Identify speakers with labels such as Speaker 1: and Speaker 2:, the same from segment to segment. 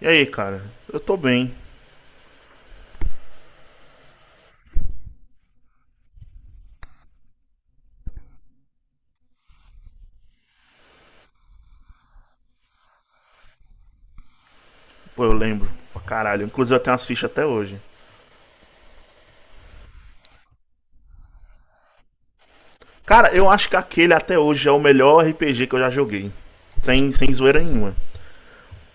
Speaker 1: E aí, cara? Eu tô bem. Pô, eu lembro. Pra caralho. Inclusive eu tenho as fichas até hoje. Cara, eu acho que aquele até hoje é o melhor RPG que eu já joguei. Sem zoeira nenhuma.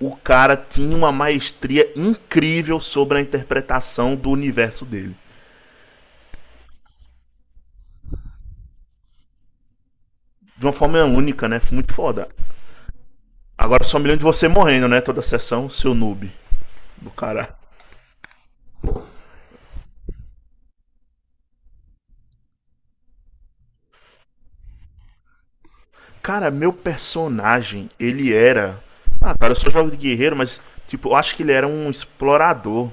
Speaker 1: O cara tinha uma maestria incrível sobre a interpretação do universo dele. De uma forma única, né? Muito foda. Agora só me lembro de você morrendo, né? Toda a sessão, seu noob. Do cara. Cara, meu personagem, ele era. Ah, cara, eu só jogo de guerreiro, mas, tipo, eu acho que ele era um explorador.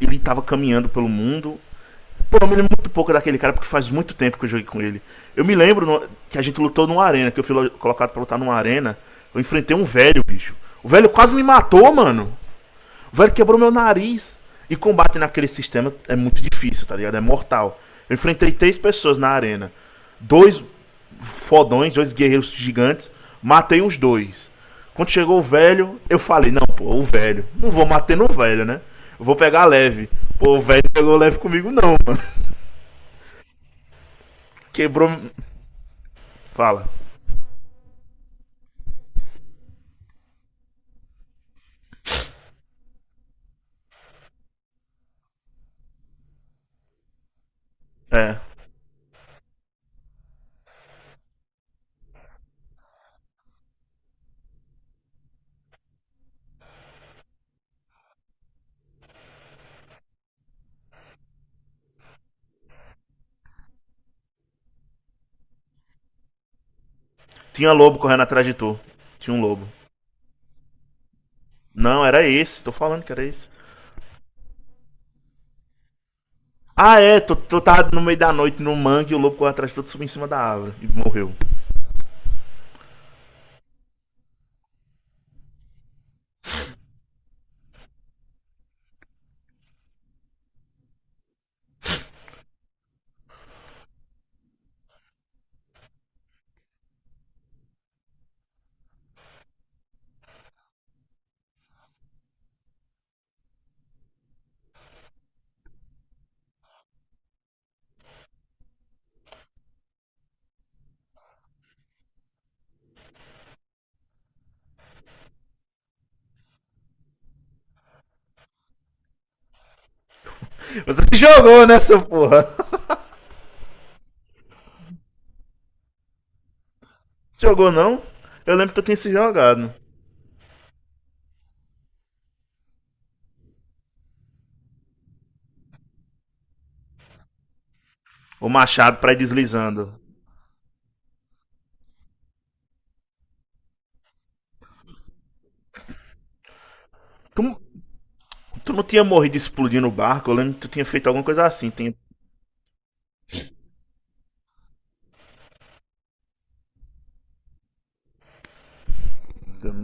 Speaker 1: Ele estava caminhando pelo mundo. Pô, eu me lembro muito pouco daquele cara, porque faz muito tempo que eu joguei com ele. Eu me lembro que a gente lutou numa arena, que eu fui colocado pra lutar numa arena. Eu enfrentei um velho, bicho. O velho quase me matou, mano. O velho quebrou meu nariz. E combate naquele sistema é muito difícil, tá ligado? É mortal. Eu enfrentei três pessoas na arena. Dois fodões, dois guerreiros gigantes. Matei os dois. Quando chegou o velho, eu falei: Não, pô, o velho. Não vou matar no velho, né? Eu vou pegar leve. Pô, o velho não pegou leve comigo, não, mano. Quebrou. Fala. É. Tinha lobo correndo atrás de tu. Tinha um lobo. Não, era esse. Tô falando que era esse. Ah, é. Tu tava no meio da noite no mangue e o lobo correu atrás de tu, tu subiu em cima da árvore e morreu. Você se jogou nessa porra. Se jogou, não? Eu lembro que tu tinha se jogado. O machado pra ir deslizando. Tu, tu não tinha morrido explodindo o barco? Eu lembro que tu tinha feito alguma coisa assim. Tem. Eu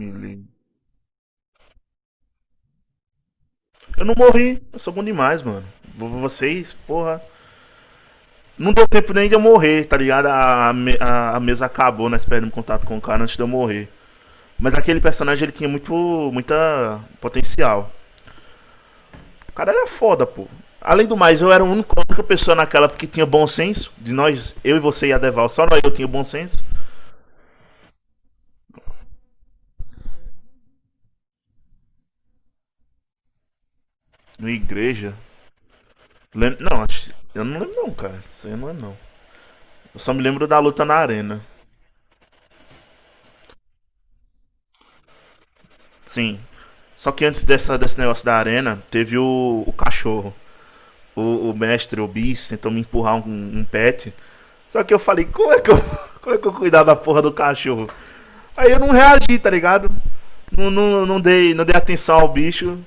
Speaker 1: não morri. Eu sou bom demais, mano. Vocês, porra. Não deu tempo nem de eu morrer, tá ligado? A mesa acabou, nós perdemos contato com o cara antes de eu morrer. Mas aquele personagem, ele tinha muito muita potencial. O cara era foda, pô. Além do mais, eu era a única pessoa naquela que tinha bom senso. De nós, eu e você e a Deval, só nós eu tinha bom senso. No igreja. Não, eu não lembro não, cara. Isso aí eu não lembro não. Eu só me lembro da luta na arena. Sim. Só que antes dessa, desse negócio da arena, teve o cachorro. O mestre, o bis, tentou me empurrar um pet. Só que eu falei: como é que eu, como é que eu cuidar da porra do cachorro? Aí eu não reagi, tá ligado? Não, não, não, não dei atenção ao bicho.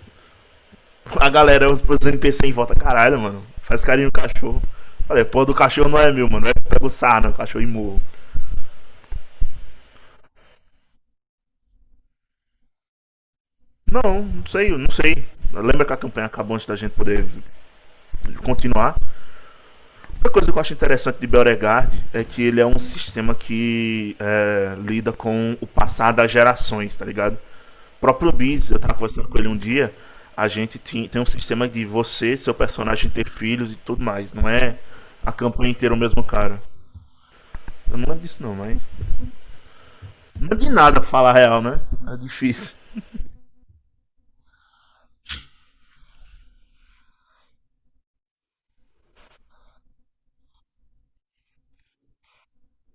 Speaker 1: A galera, os NPC em volta, caralho, mano, faz carinho no cachorro. Falei, porra do cachorro não é meu, mano. É que eu pego sarna, o cachorro e morro. Não, não sei, não sei. Lembra que a campanha acabou antes da gente poder continuar? Outra coisa que eu acho interessante de Beauregard é que ele é um sistema que é, lida com o passar das gerações, tá ligado? O próprio Biz, eu tava conversando com ele um dia, a gente tem um sistema de você, seu personagem ter filhos e tudo mais. Não é a campanha inteira o mesmo cara. Eu não lembro disso não, mas. Não lembro de nada pra falar a real, né? É difícil.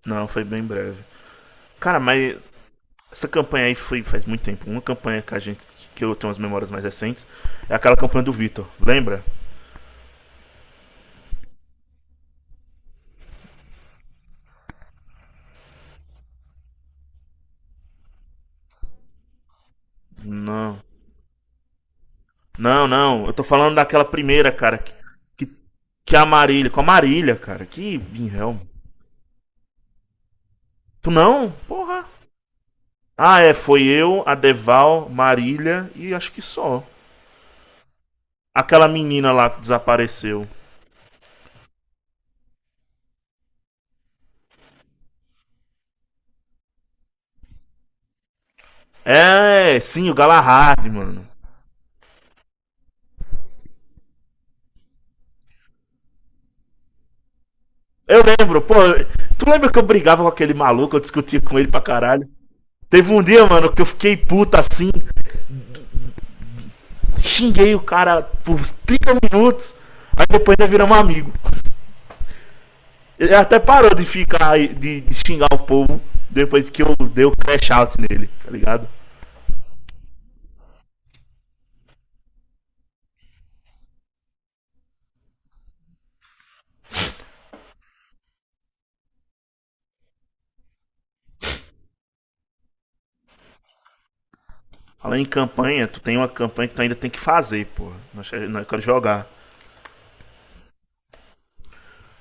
Speaker 1: Não, foi bem breve. Cara, mas essa campanha aí foi faz muito tempo. Uma campanha que a gente, que eu tenho as memórias mais recentes é aquela campanha do Vitor. Lembra? Não. Não, não. Eu tô falando daquela primeira, cara. Que, que é a Marília. Com a Marília, cara. Que Vinhel. Tu não? Porra. Ah, é. Foi eu, a Deval, Marília e acho que só. Aquela menina lá que desapareceu. É, sim, o Galahad, mano. Eu lembro, pô. Tu lembra que eu brigava com aquele maluco? Eu discutia com ele pra caralho. Teve um dia, mano, que eu fiquei puta assim. Xinguei o cara por 30 minutos. Aí depois ainda viramos amigo. Ele até parou de ficar de xingar o povo depois que eu dei o crash out nele, tá ligado? Falando em campanha, tu tem uma campanha que tu ainda tem que fazer, porra. Nós queremos jogar.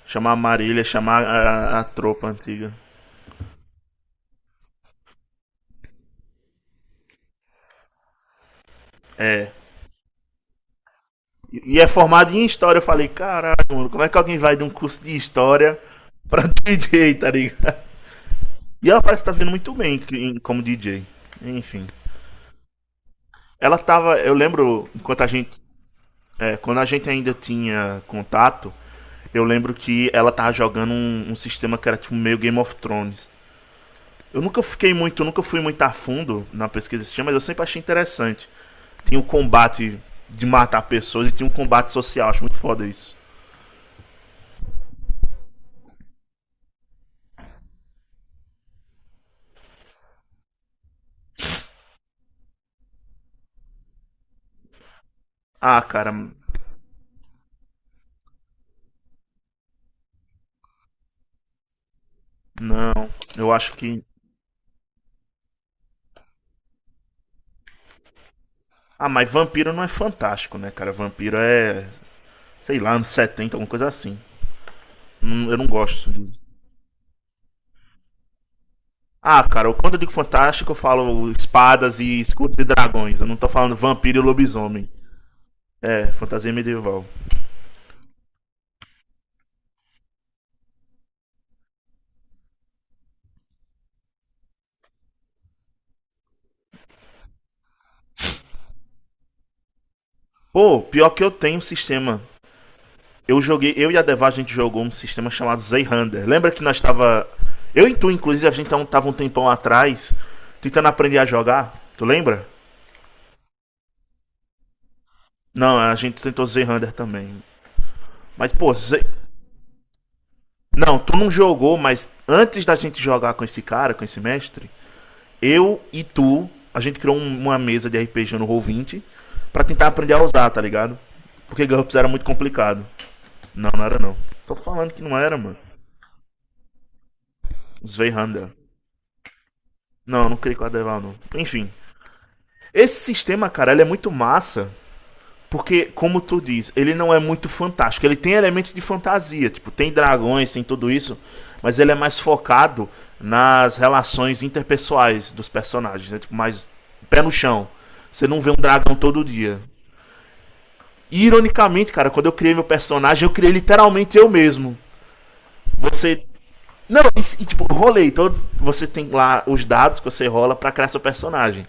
Speaker 1: Chamar a Marília, chamar a tropa antiga. É. E, e é formado em história. Eu falei, caralho, mano, como é que alguém vai de um curso de história pra DJ, tá ligado? E ela parece que tá vindo muito bem como DJ. Enfim. Ela tava, eu lembro, enquanto a gente. É, quando a gente ainda tinha contato, eu lembro que ela tava jogando um sistema que era tipo meio Game of Thrones. Eu nunca fiquei muito, nunca fui muito a fundo na pesquisa desse sistema, mas eu sempre achei interessante. Tinha o combate de matar pessoas e tinha um combate social, acho muito foda isso. Ah, cara, não, eu acho que. Ah, mas vampiro não é fantástico, né, cara? Vampiro é, sei lá, anos 70 alguma coisa assim. Eu não gosto de. Ah, cara, quando eu digo fantástico, eu falo espadas e escudos e dragões. Eu não tô falando vampiro e lobisomem. É, fantasia medieval. Pô, pior que eu tenho um sistema. Eu joguei, eu e a Deva, a gente jogou um sistema chamado Zeyhander. Lembra que nós tava. Eu e tu, inclusive, a gente tava um tempão atrás tentando aprender a jogar. Tu lembra? Não, a gente tentou Zeyhander também. Mas, pô, Zey. Não, tu não jogou, mas antes da gente jogar com esse cara, com esse mestre, eu e tu, a gente criou uma mesa de RPG no Roll20 pra tentar aprender a usar, tá ligado? Porque GURPS era muito complicado. Não, não era não. Tô falando que não era, mano. Sveihanda. Não, não criei com a Deval, não. Enfim. Esse sistema, cara, ele é muito massa. Porque, como tu diz, ele não é muito fantástico. Ele tem elementos de fantasia. Tipo, tem dragões, tem tudo isso. Mas ele é mais focado nas relações interpessoais dos personagens. Né? Tipo, mais pé no chão. Você não vê um dragão todo dia. E, ironicamente, cara, quando eu criei meu personagem, eu criei literalmente eu mesmo. Você. Não, e, tipo, rolei todos. Você tem lá os dados que você rola pra criar seu personagem.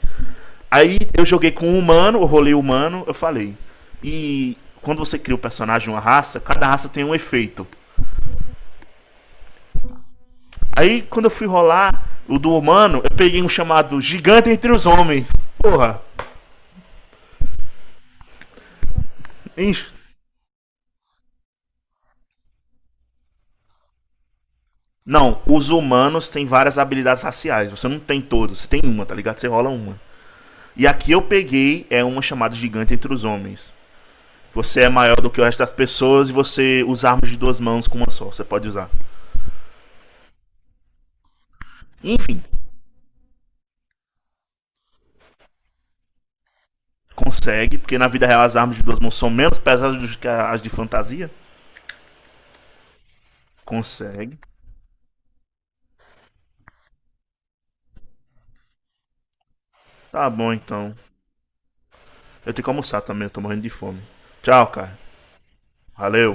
Speaker 1: Aí eu joguei com um humano, eu rolei humano, eu falei. E quando você cria o um personagem, uma raça, cada raça tem um efeito. Aí quando eu fui rolar o do humano, eu peguei um chamado Gigante entre os Homens. Porra, enche. Não, os humanos têm várias habilidades raciais. Você não tem todos, você tem uma, tá ligado? Você rola uma. E aqui eu peguei é uma chamada gigante entre os homens. Você é maior do que o resto das pessoas e você usa armas de duas mãos com uma só. Você pode usar. Enfim, consegue, porque na vida real as armas de duas mãos são menos pesadas do que as de fantasia. Consegue. Tá bom então. Eu tenho que almoçar também, eu tô morrendo de fome. Tchau, cara. Valeu.